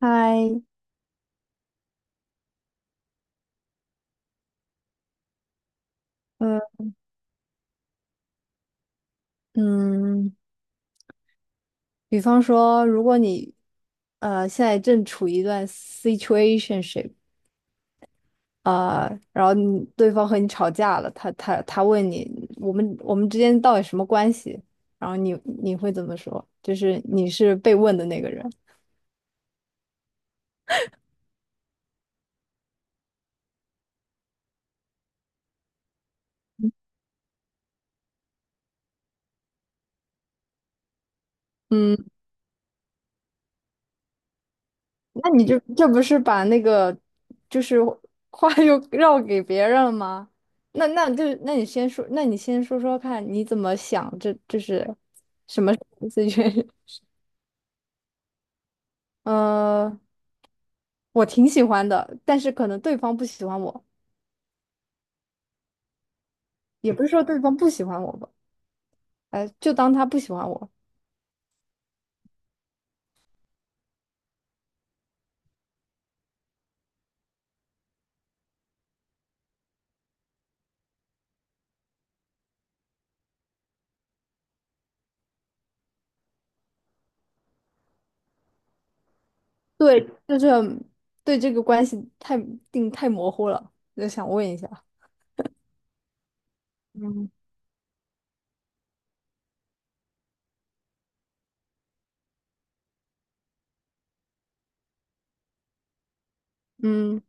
嗨，嗯嗯，比方说，如果你现在正处于一段 situationship，然后你对方和你吵架了，他问你，我们之间到底什么关系？然后你会怎么说？就是你是被问的那个人。嗯，那你就这不是把那个就是话又 绕给别人了吗？那你先说，那你先说说看，你怎么想这？这是 situation。呃，我挺喜欢的，但是可能对方不喜欢我，也不是说对方不喜欢我吧。哎，就当他不喜欢我。对，就是对这个关系太定太模糊了，就想问一下。嗯，嗯，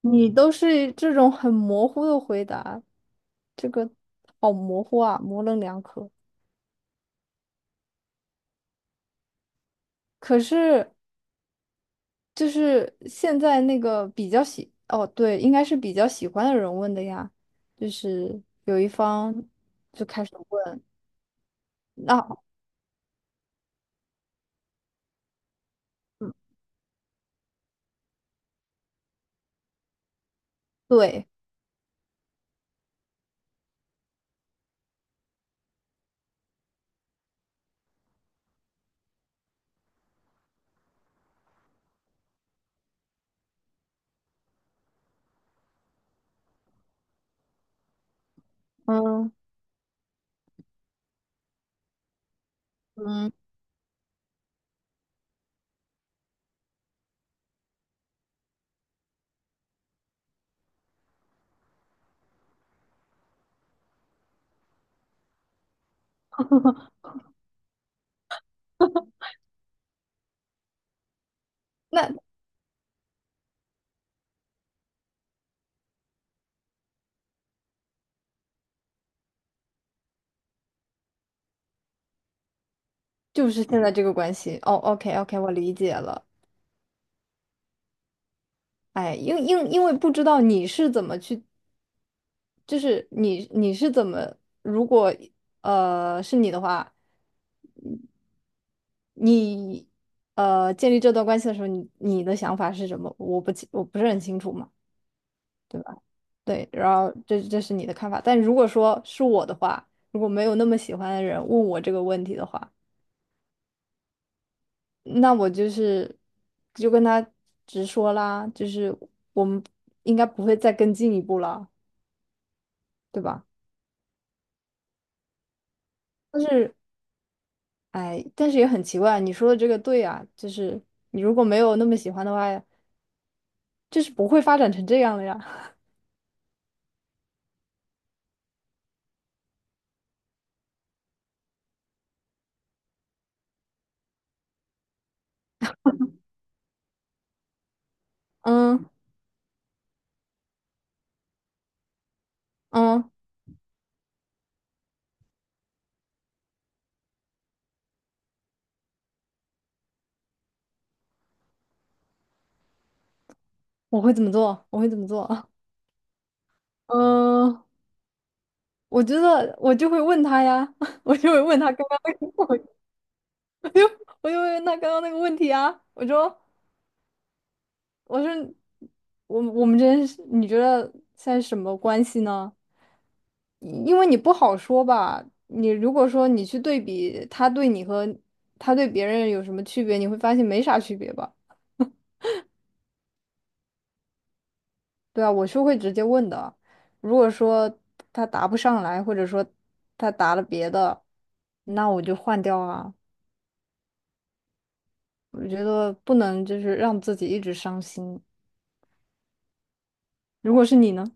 你都是这种很模糊的回答，这个好模糊啊，模棱两可。可是就是现在那个比较喜，哦，对，应该是比较喜欢的人问的呀，就是有一方就开始问。那、嗯，对，嗯嗯，那就是现在这个关系。哦，OK OK，我理解了。哎，因为不知道你是怎么去，就是你你是怎么，如果是你的话，你建立这段关系的时候，你你的想法是什么？我不是很清楚嘛，对吧？对，然后这是你的看法，但如果说是我的话，如果没有那么喜欢的人问我这个问题的话。那我就是就跟他直说啦，就是我们应该不会再更进一步了，对吧？但是，哎，但是也很奇怪，你说的这个对啊，就是你如果没有那么喜欢的话，就是不会发展成这样的呀。嗯嗯，我会怎么做？我会怎么做？嗯，我觉得我就会问他呀，我就会问他刚刚那个，我就会问他刚刚那个问题啊，我说。我说我们之间是你觉得现在是什么关系呢？因为你不好说吧，你如果说你去对比他对你和他对别人有什么区别，你会发现没啥区别吧？对啊，我是会直接问的。如果说他答不上来，或者说他答了别的，那我就换掉啊。我觉得不能就是让自己一直伤心。如果是你呢？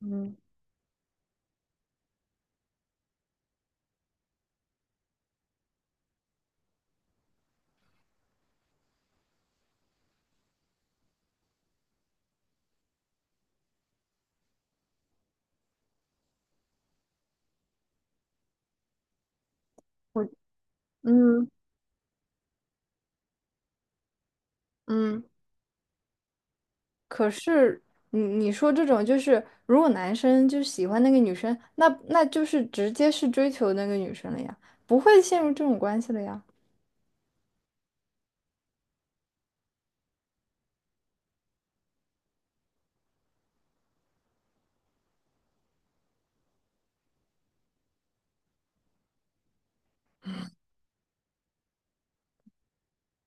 嗯，我嗯嗯。可是你你说这种就是，如果男生就喜欢那个女生，那就是直接是追求那个女生了呀，不会陷入这种关系了呀。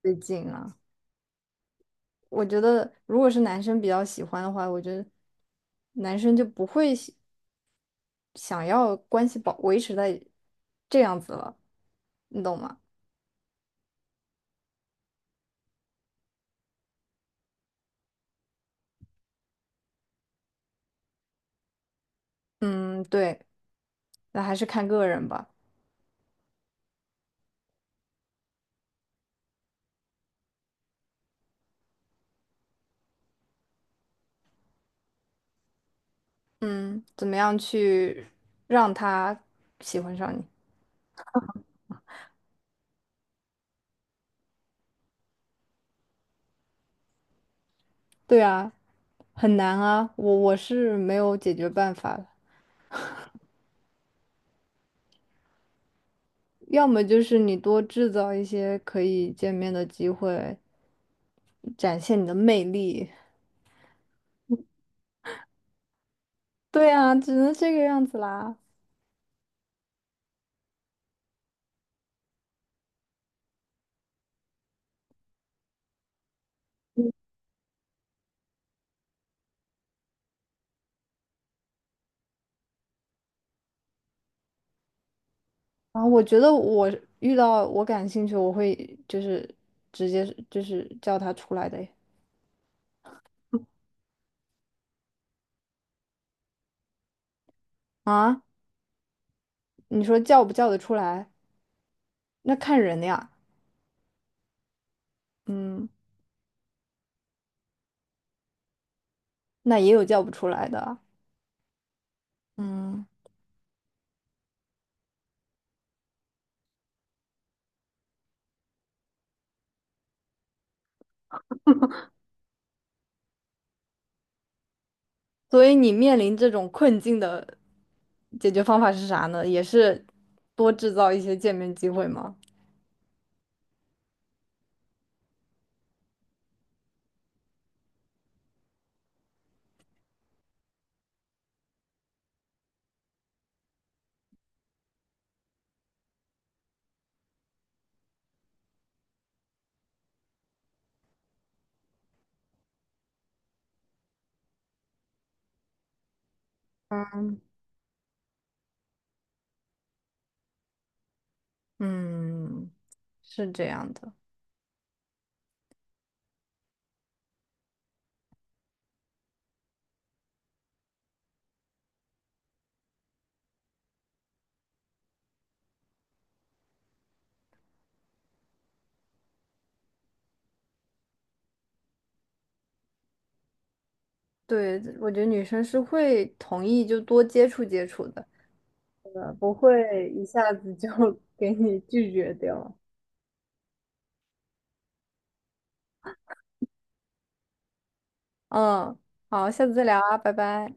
最近啊，我觉得如果是男生比较喜欢的话，我觉得男生就不会想要关系维持在这样子了，你懂吗？嗯，对，那还是看个人吧。嗯，怎么样去让他喜欢上你？对啊，很难啊，我是没有解决办法的。要么就是你多制造一些可以见面的机会，展现你的魅力。对啊，只能这个样子啦。啊，我觉得我遇到我感兴趣，我会就是直接就是叫他出来的耶啊，你说叫不叫得出来？那看人呀。嗯，那也有叫不出来的啊。嗯，所以你面临这种困境的。解决方法是啥呢？也是多制造一些见面机会吗？嗯，嗯，是这样的。对，我觉得女生是会同意就多接触接触的，不会一下子就 给你拒绝掉。嗯，好，下次再聊啊，拜拜。